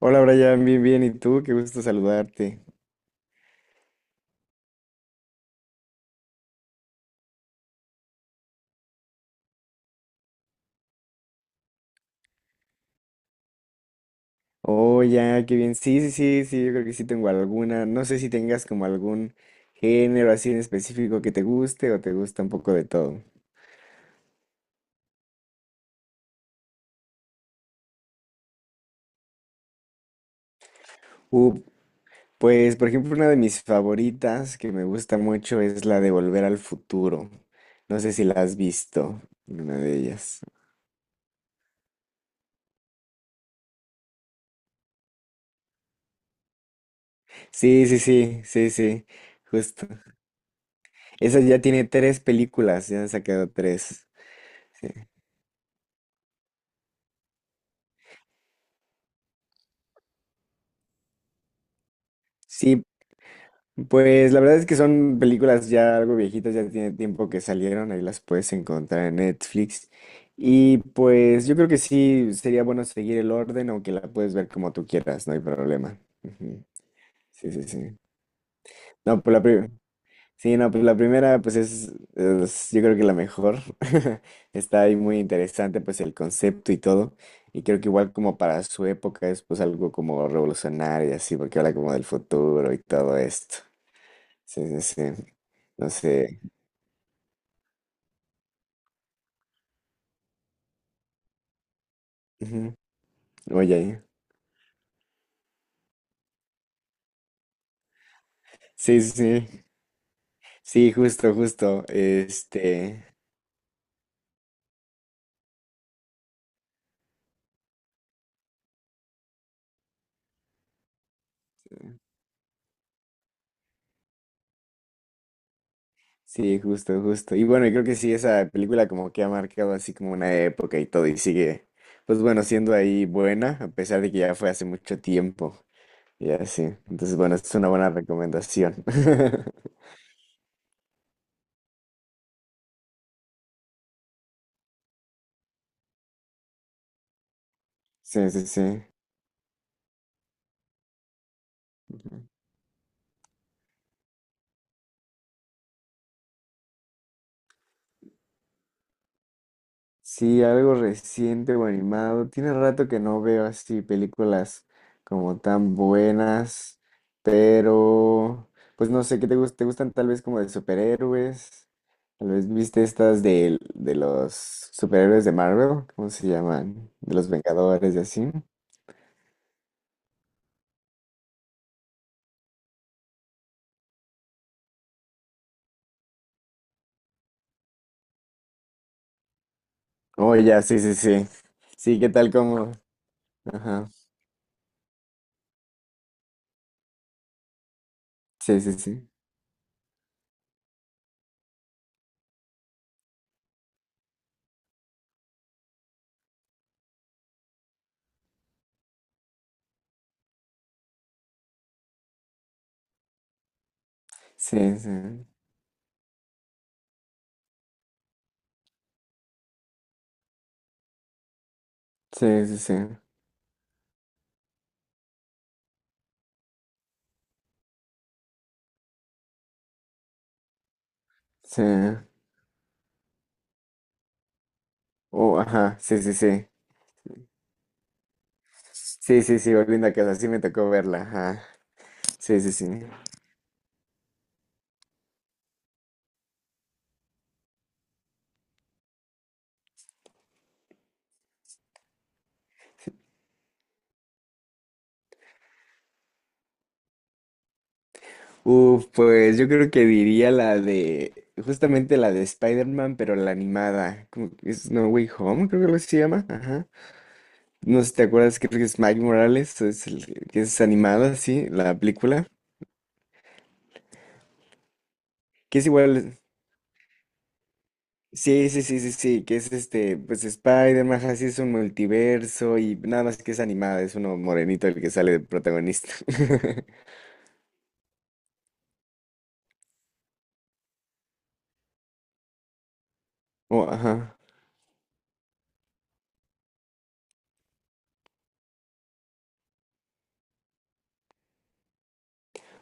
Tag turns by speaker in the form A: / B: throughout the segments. A: Hola Brian, bien, bien, ¿y tú? Qué gusto saludarte. Oh, ya, qué bien. Sí, sí, sí, sí, yo creo que sí tengo alguna. No sé si tengas como algún género así en específico que te guste o te gusta un poco de todo. Uh, pues, por ejemplo, una de mis favoritas que me gusta mucho es la de Volver al Futuro. No sé si la has visto, una de ellas. Sí, sí, sí, sí, sí, justo. Esa ya tiene tres películas, ya han sacado tres. Sí. Sí, pues la verdad es que son películas ya algo viejitas, ya tiene tiempo que salieron, ahí las puedes encontrar en Netflix. Y pues yo creo que sí sería bueno seguir el orden, aunque la puedes ver como tú quieras, no hay problema. Ujú. Sí, sí, sí. No, pues la primera. Sí, no, pues la primera, pues es yo creo que la mejor. Está ahí muy interesante, pues el concepto y todo. Y creo que igual como para su época es pues algo como revolucionario y así, porque habla como del futuro y todo esto. Sí, sí, sí. No sé. Ujú. Oye. Sí, sí, sí. Sí, justo, justo. Este. Sí, justo, justo. Y bueno, yo creo que sí, esa película como que ha marcado así como una época y todo, y sigue, pues bueno, siendo ahí buena, a pesar de que ya fue hace mucho tiempo. Y así. Entonces, bueno, es una buena recomendación. Sí, sí, sí. Sí, algo reciente o animado. Tiene rato que no veo así películas como tan buenas, pero pues no sé, ¿qué te gustan? ¿Te gustan tal vez como de superhéroes? Tal vez viste estas de los superhéroes de Marvel, ¿cómo se llaman? De los Vengadores y así. Oh, ya, sí, sí, sí. Sí, ¿qué tal como? Ajá. Sí, sí, sí. Sí, sí. Sí, sí, sí. Sí. Oh, ajá. Sí, sí, sí. Sí, sí, sí, volviendo a casa, sí me tocó verla, ajá. Sí, sí, sí. Uf, pues yo creo que diría la de, justamente la de Spider-Man, pero la animada, como que es No Way Home, creo que lo así se llama, ajá. No sé si te acuerdas, creo que es Mike Morales, es el que es animada, sí, la película, que es igual, sí, sí, sí, sí, sí, que es este, pues Spider-Man, ajá, sí es un multiverso y nada más que es animada, es uno morenito el que sale de protagonista. Oh, ajá.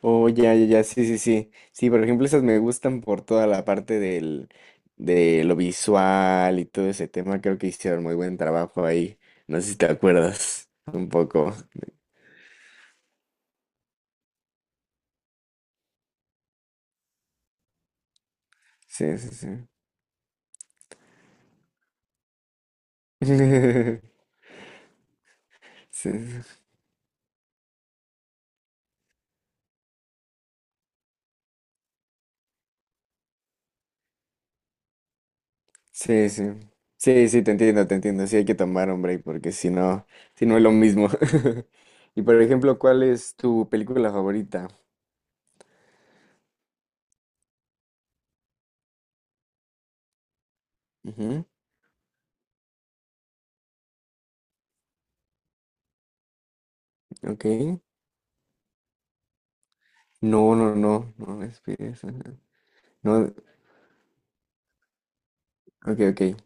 A: Oh, ya, ya, ya, sí, sí, sí. Sí, por ejemplo, esas me gustan por toda la parte del, de lo visual y todo ese tema. Creo que hicieron muy buen trabajo ahí. No sé si te acuerdas un poco. Sí, sí, sí. Sí, sí, sí. Sí, sí, te entiendo, te entiendo. Sí, hay que tomar un break porque si no, si no es lo mismo. Y por ejemplo, ¿cuál es tu película favorita? Ujú, ok. No, no, no, no me inspires, ajá. No, ok, ok.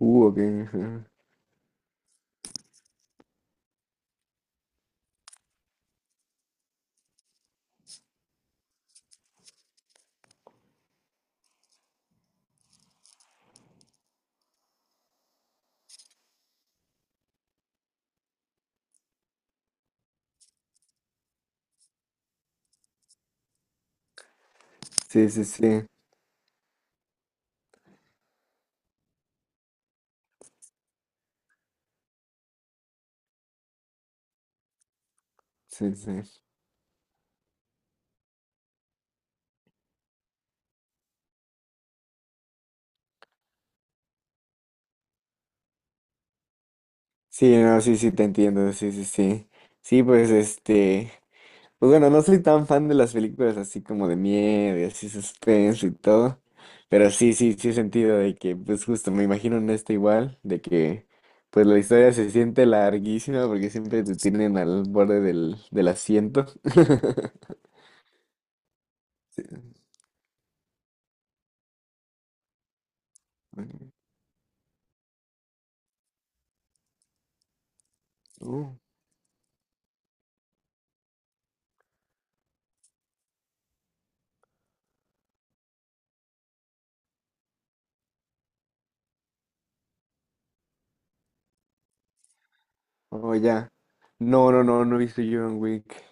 A: Ok. Ajá. Sí, sí, sí. Sí, sí. Sí, no, sí, sí, te entiendo. Sí, sí, sí. Sí, pues este. Pues bueno, no soy tan fan de las películas así como de miedo y así suspenso y todo. Pero sí, sí, sí he sentido de que, pues justo, me imagino en esta igual, de que pues la historia se siente larguísima porque siempre te tienen al borde del asiento. Sí. Uh, oh, ya. No, no, no, no he visto John Wick.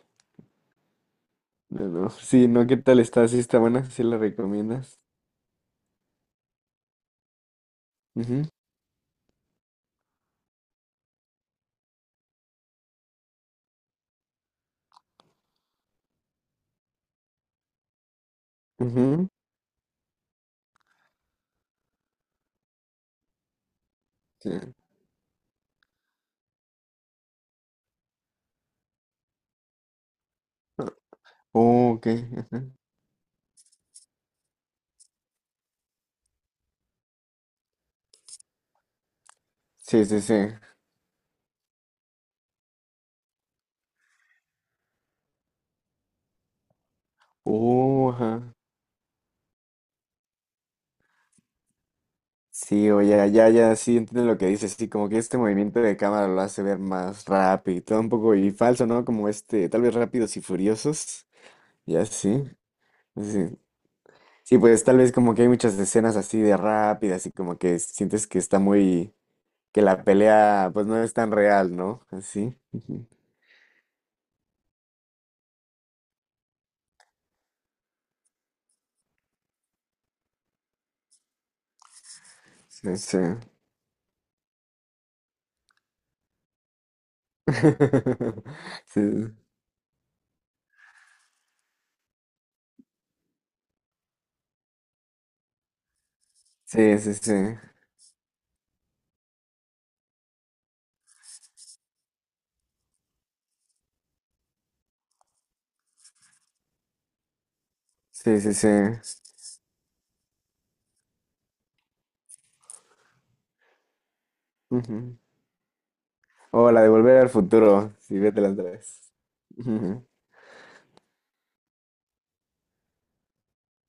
A: No, no. Sí, no, ¿qué tal está? Sí, está buena, sí la recomiendas. Ujú, ujú, sí. Oh, ok. Ajá. Sí, sí, sí. Oh, ajá. Sí, o ya, ya, ya, sí, entiendo lo que dices. Sí, como que este movimiento de cámara lo hace ver más rápido y todo un poco y falso, ¿no? Como este, tal vez rápidos y furiosos. Ya, sí. Sí. Sí, pues tal vez como que hay muchas escenas así de rápidas y como que sientes que está muy, que la pelea pues no es tan real, ¿no? Así. Ujú, sí, sí. Sí, sí, sí, sí, sí, sí, sí. Ujú. O la de Volver al Futuro, sí, vete las tres. Ujú,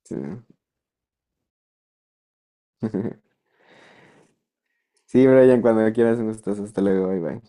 A: sí. Sí, Brian, cuando quieras, un gustazo, hasta luego, bye bye.